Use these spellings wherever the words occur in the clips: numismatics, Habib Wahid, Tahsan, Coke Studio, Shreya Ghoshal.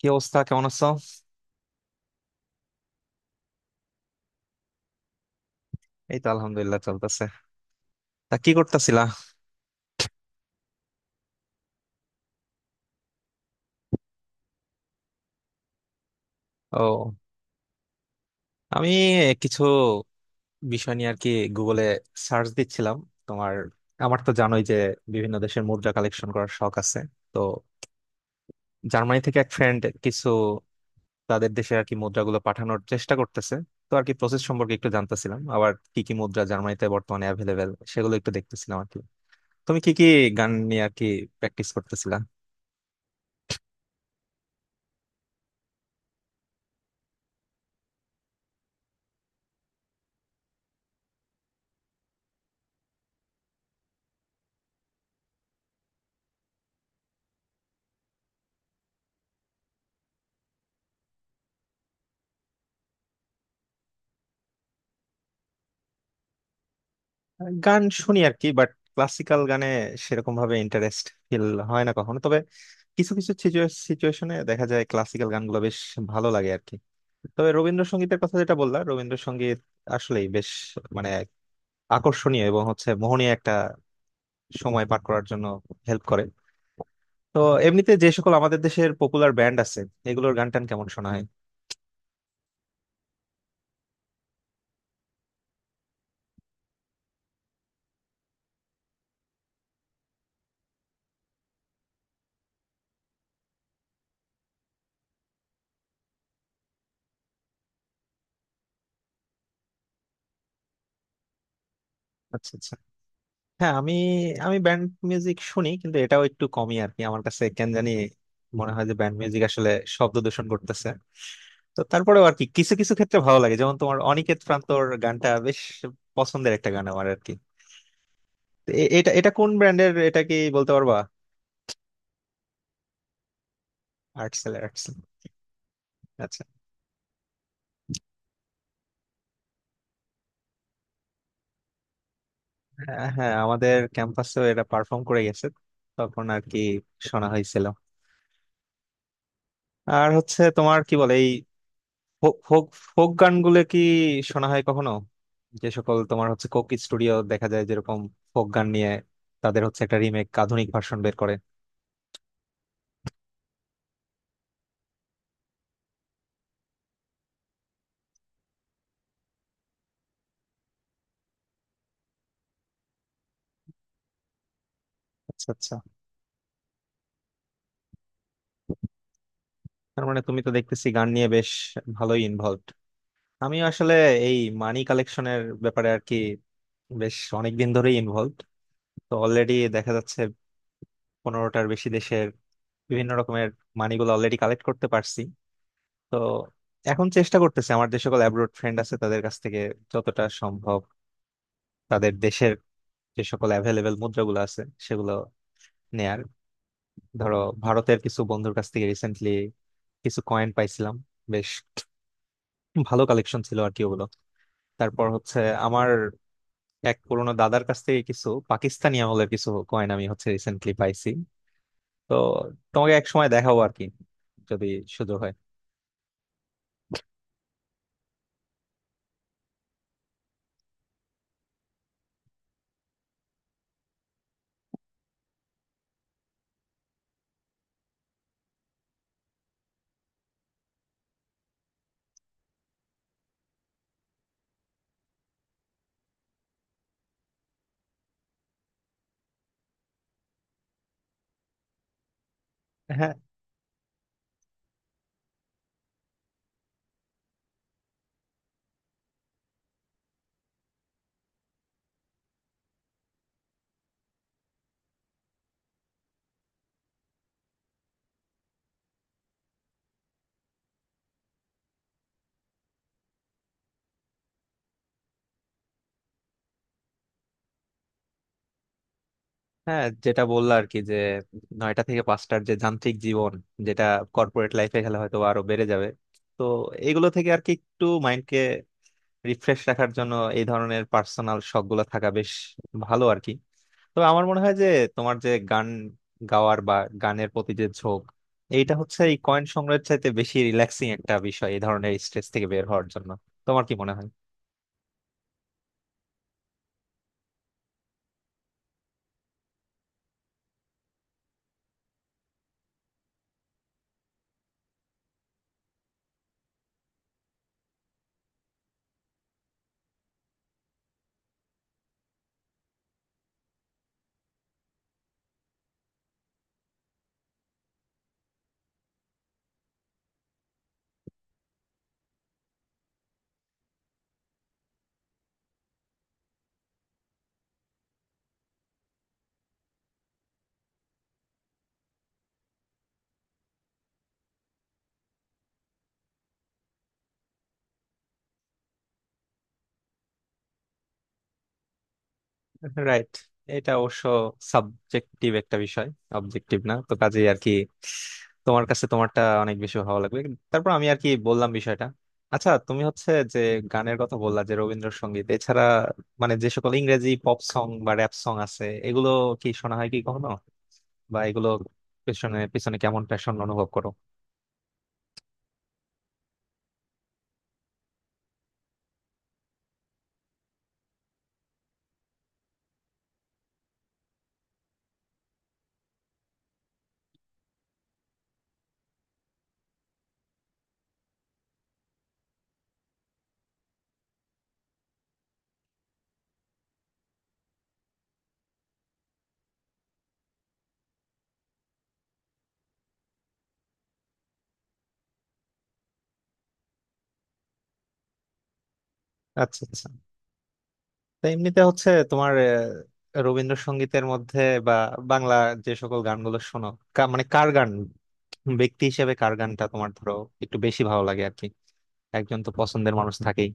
কি অবস্থা? কেমন আছো? এই তো আলহামদুলিল্লাহ, চলতেছে। তা কি করতেছিলা? ও, আমি কিছু বিষয় নিয়ে আর কি গুগলে সার্চ দিচ্ছিলাম। তোমার, আমার তো জানোই যে বিভিন্ন দেশের মুদ্রা কালেকশন করার শখ আছে। তো জার্মানি থেকে এক ফ্রেন্ড কিছু, তাদের দেশে আর কি মুদ্রাগুলো পাঠানোর চেষ্টা করতেছে। তো আর কি প্রসেস সম্পর্কে একটু জানতেছিলাম, আবার কি কি মুদ্রা জার্মানিতে বর্তমানে অ্যাভেলেবেল সেগুলো একটু দেখতেছিলাম আর কি। তুমি কি কি গান নিয়ে আর কি প্র্যাকটিস করতেছিলা? গান শুনি আর কি, বাট ক্লাসিক্যাল গানে সেরকম ভাবে ইন্টারেস্ট ফিল হয় না কখনো। তবে কিছু কিছু সিচুয়েশনে দেখা যায় ক্লাসিক্যাল গানগুলো বেশ ভালো লাগে আর কি। তবে রবীন্দ্রসঙ্গীতের কথা যেটা বললাম, রবীন্দ্রসঙ্গীত আসলেই বেশ, মানে, আকর্ষণীয় এবং হচ্ছে মোহনীয় একটা সময় পার করার জন্য হেল্প করে। তো এমনিতে যে সকল আমাদের দেশের পপুলার ব্যান্ড আছে এগুলোর গান টান কেমন শোনা হয়? আচ্ছা, আচ্ছা। হ্যাঁ, আমি আমি ব্যান্ড মিউজিক শুনি, কিন্তু এটাও একটু কমই আর কি। আমার কাছে কেন জানি মনে হয় যে ব্যান্ড মিউজিক আসলে শব্দ দূষণ করতেছে। তো তারপরেও আর কি কিছু কিছু ক্ষেত্রে ভালো লাগে, যেমন তোমার অনিকেত প্রান্তর গানটা বেশ পছন্দের একটা গান আমার আর কি। তো এ- এটা এটা কোন ব্র্যান্ডের, এটা কি বলতে পারবা? আর্টসেল, আর্টসেল। আচ্ছা। হ্যাঁ হ্যাঁ, আমাদের ক্যাম্পাসেও এটা পারফর্ম করে গেছে, তখন আর কি শোনা হয়েছিল। আর হচ্ছে তোমার কি বলে এই ফোক ফোক ফোক গানগুলো কি শোনা হয় কখনো? যে সকল তোমার হচ্ছে কোক স্টুডিও দেখা যায়, যেরকম ফোক গান নিয়ে তাদের হচ্ছে একটা রিমেক আধুনিক ভার্সন বের করে। আচ্ছা, আচ্ছা। তার মানে তুমি তো দেখতেছি গান নিয়ে বেশ ভালোই ইনভলভড। আমি আসলে এই মানি কালেকশনের ব্যাপারে আর কি বেশ অনেক দিন ধরেই ইনভলভড। তো অলরেডি দেখা যাচ্ছে 15টার বেশি দেশের বিভিন্ন রকমের মানিগুলো অলরেডি কালেক্ট করতে পারছি। তো এখন চেষ্টা করতেছি আমার যে সকল অ্যাব্রোড ফ্রেন্ড আছে তাদের কাছ থেকে যতটা সম্ভব তাদের দেশের যে সকল অ্যাভেলেবেল মুদ্রাগুলো আছে সেগুলো নেয়ার। ধরো, ভারতের কিছু বন্ধুর কাছ থেকে রিসেন্টলি কিছু কয়েন পাইছিলাম, বেশ ভালো কালেকশন ছিল আর কি ওগুলো। তারপর হচ্ছে আমার এক পুরোনো দাদার কাছ থেকে কিছু পাকিস্তানি আমলের কিছু কয়েন আমি হচ্ছে রিসেন্টলি পাইছি। তো তোমাকে এক সময় দেখাবো আর কি, যদি সুযোগ হয়। হ্যাঁ হ্যাঁ, যেটা বললো আর কি, যে 9টা থেকে 5টার যে যান্ত্রিক জীবন, যেটা কর্পোরেট লাইফে গেলে হয়তো আরো বেড়ে যাবে। তো এগুলো থেকে আর কি একটু মাইন্ডকে রিফ্রেশ রাখার জন্য এই ধরনের পার্সোনাল শখ গুলো থাকা বেশ ভালো আর কি। তবে আমার মনে হয় যে তোমার যে গান গাওয়ার বা গানের প্রতি যে ঝোঁক, এইটা হচ্ছে এই কয়েন সংগ্রহের চাইতে বেশি রিল্যাক্সিং একটা বিষয় এই ধরনের স্ট্রেস থেকে বের হওয়ার জন্য। তোমার কি মনে হয়? রাইট। এটা অবশ্য সাবজেক্টিভ একটা বিষয়, অবজেক্টিভ না, তো কাজেই আর কি তোমার কাছে তোমারটা অনেক বেশি ভালো লাগবে। তারপর আমি আর কি বললাম বিষয়টা। আচ্ছা, তুমি হচ্ছে যে গানের কথা বললা যে রবীন্দ্রসঙ্গীত, এছাড়া মানে যে সকল ইংরেজি পপ সং বা র্যাপ সং আছে এগুলো কি শোনা হয় কি কখনো? বা এগুলো পেছনে পিছনে কেমন প্যাশন অনুভব করো? আচ্ছা, আচ্ছা। তো এমনিতে হচ্ছে তোমার রবীন্দ্রসঙ্গীতের মধ্যে বা বাংলা যে সকল গানগুলো শোনো, মানে কার গান, ব্যক্তি হিসেবে কার গানটা তোমার ধরো একটু বেশি ভালো লাগে আর কি? একজন তো পছন্দের মানুষ থাকেই।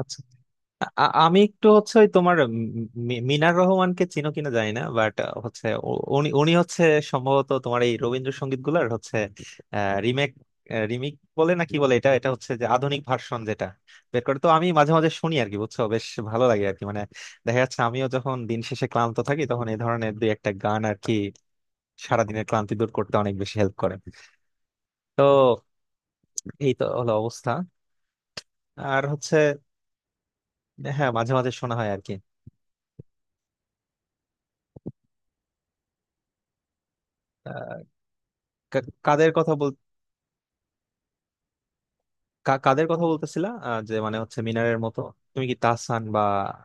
আচ্ছা। আ- আমি একটু হচ্ছে ওই তোমার মিনার রহমানকে চিনো কিনা জানি না, বাট হচ্ছে উ- উনি উনি হচ্ছে সম্ভবত তোমার এই রবীন্দ্রসঙ্গীত গুলার হচ্ছে রিমেক, রিমিক বলে না কি বলে, এটা এটা হচ্ছে যে আধুনিক ভার্সন যেটা বের করে। তো আমি মাঝে মাঝে শুনি আর কি, বুঝছো, বেশ ভালো লাগে আর কি। মানে দেখা যাচ্ছে আমিও যখন দিন শেষে ক্লান্ত থাকি তখন এই ধরনের দুই একটা গান আর কি সারাদিনের ক্লান্তি দূর করতে অনেক বেশি হেল্প করে। তো এই তো হলো অবস্থা। আর হচ্ছে হ্যাঁ মাঝে মাঝে শোনা হয় আর কি। আহ, কাদের কথা বলছিলাম? কাদের কথা বলতেছিলা যে মানে হচ্ছে মিনারের মতো তুমি কি তাহসান বা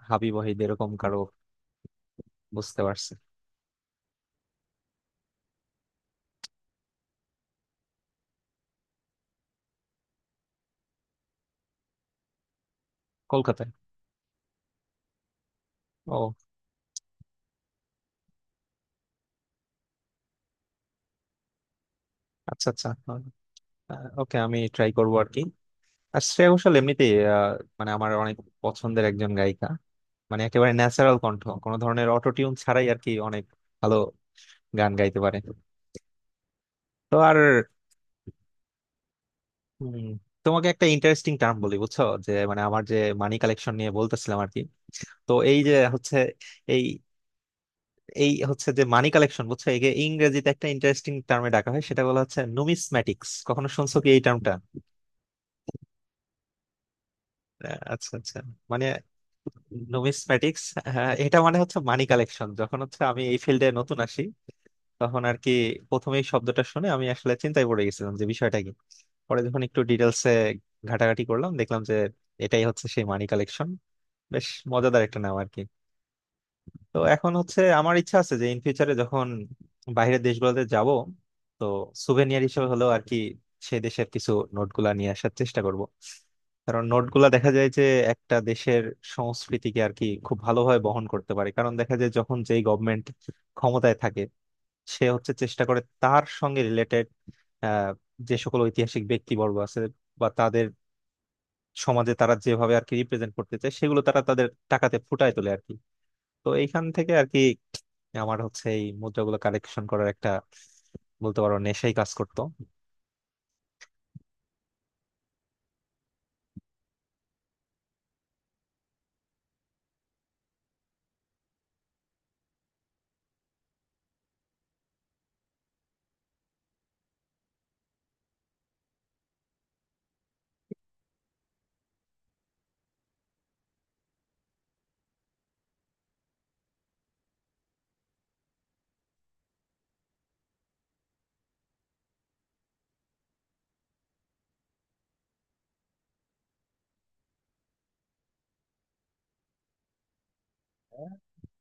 হাবিব ওয়াহিদ এরকম কারো, বুঝতে পারছি কলকাতায়। ও আচ্ছা, আচ্ছা। ওকে, আমি ট্রাই করবো আর কি। আর শ্রেয়া ঘোষাল এমনিতেই মানে আমার অনেক পছন্দের একজন গায়িকা, মানে একেবারে ন্যাচারাল কণ্ঠ, কোনো ধরনের অটোটিউন ছাড়াই আর কি অনেক ভালো গান গাইতে পারে। তো আর উম, তোমাকে একটা ইন্টারেস্টিং টার্ম বলি, বুঝছো, যে মানে আমার যে মানি কালেকশন নিয়ে বলতেছিলাম আর কি, তো এই যে হচ্ছে এই এই হচ্ছে যে মানি কালেকশন, বুঝছো, একে ইংরেজিতে একটা ইন্টারেস্টিং টার্মে ডাকা হয়, সেটা বলা হচ্ছে নুমিসম্যাটিক্স। কখনো শুনছো কি এই টার্মটা? আচ্ছা, আচ্ছা। মানে নুমিসম্যাটিক্স। হ্যাঁ, এটা মানে হচ্ছে মানি কালেকশন। যখন হচ্ছে আমি এই ফিল্ডে নতুন আসি তখন আর কি প্রথমে এই শব্দটা শুনে আমি আসলে চিন্তায় পড়ে গেছিলাম যে বিষয়টা কি। পরে যখন একটু ডিটেলসে ঘাটাঘাটি করলাম, দেখলাম যে এটাই হচ্ছে সেই মানি কালেকশন। বেশ মজাদার একটা নাম আর কি। তো এখন হচ্ছে আমার ইচ্ছা আছে যে ইন ফিউচারে যখন বাইরের দেশগুলোতে যাব, তো সুভেনিয়ার হিসেবে হলেও আর কি সেই দেশের কিছু নোটগুলা নিয়ে আসার চেষ্টা করব। কারণ নোটগুলা দেখা যায় যে একটা দেশের সংস্কৃতিকে আর কি খুব ভালোভাবে বহন করতে পারে, কারণ দেখা যায় যখন যেই গভর্নমেন্ট ক্ষমতায় থাকে সে হচ্ছে চেষ্টা করে তার সঙ্গে রিলেটেড আহ যে সকল ঐতিহাসিক ব্যক্তিবর্গ আছে বা তাদের সমাজে তারা যেভাবে আর কি রিপ্রেজেন্ট করতে চায় সেগুলো তারা তাদের টাকাতে ফুটায় তোলে আর কি। তো এইখান থেকে আর কি আমার হচ্ছে এই মুদ্রাগুলো কালেকশন করার একটা, বলতে পারো, নেশাই কাজ করতো।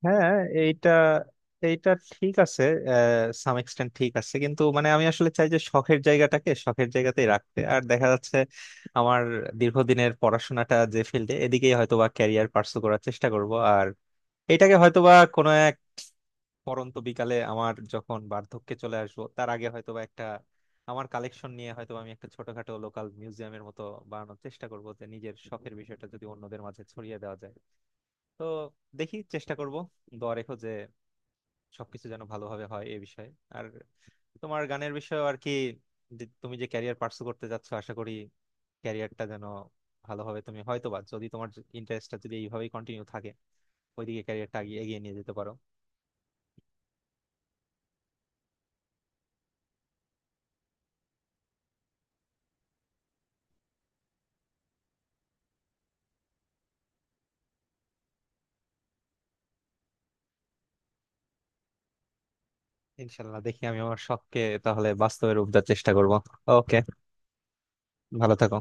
হ্যাঁ এইটা এইটা ঠিক আছে, সাম এক্সটেন্ট ঠিক আছে কিন্তু মানে আমি আসলে চাই যে শখের জায়গাটাকে শখের জায়গাতেই রাখতে। আর দেখা যাচ্ছে আমার দীর্ঘদিনের পড়াশোনাটা যে ফিল্ডে এদিকেই হয়তোবা ক্যারিয়ার পার্সু করার চেষ্টা করব। আর এটাকে হয়তোবা কোনো পরন্ত বিকালে আমার যখন বার্ধক্যে চলে আসবো তার আগে হয়তোবা একটা, আমার কালেকশন নিয়ে হয়তো আমি একটা ছোটখাটো লোকাল মিউজিয়ামের মতো বানানোর চেষ্টা করব, যে নিজের শখের বিষয়টা যদি অন্যদের মাঝে ছড়িয়ে দেওয়া যায়। তো দেখি, চেষ্টা করব। দোয়া রেখো যে সবকিছু যেন ভালোভাবে হয় এই বিষয়ে। আর তোমার গানের বিষয়ে আর কি, যে তুমি যে ক্যারিয়ার পার্সু করতে যাচ্ছ, আশা করি ক্যারিয়ারটা যেন ভালোভাবে তুমি হয়তোবা যদি তোমার ইন্টারেস্টটা যদি এইভাবেই কন্টিনিউ থাকে ওইদিকে ক্যারিয়ারটা এগিয়ে নিয়ে যেতে পারো। ইনশাল্লাহ, দেখি আমি আমার শখকে তাহলে বাস্তবে রূপ দেওয়ার চেষ্টা করব। ওকে, ভালো থাকো।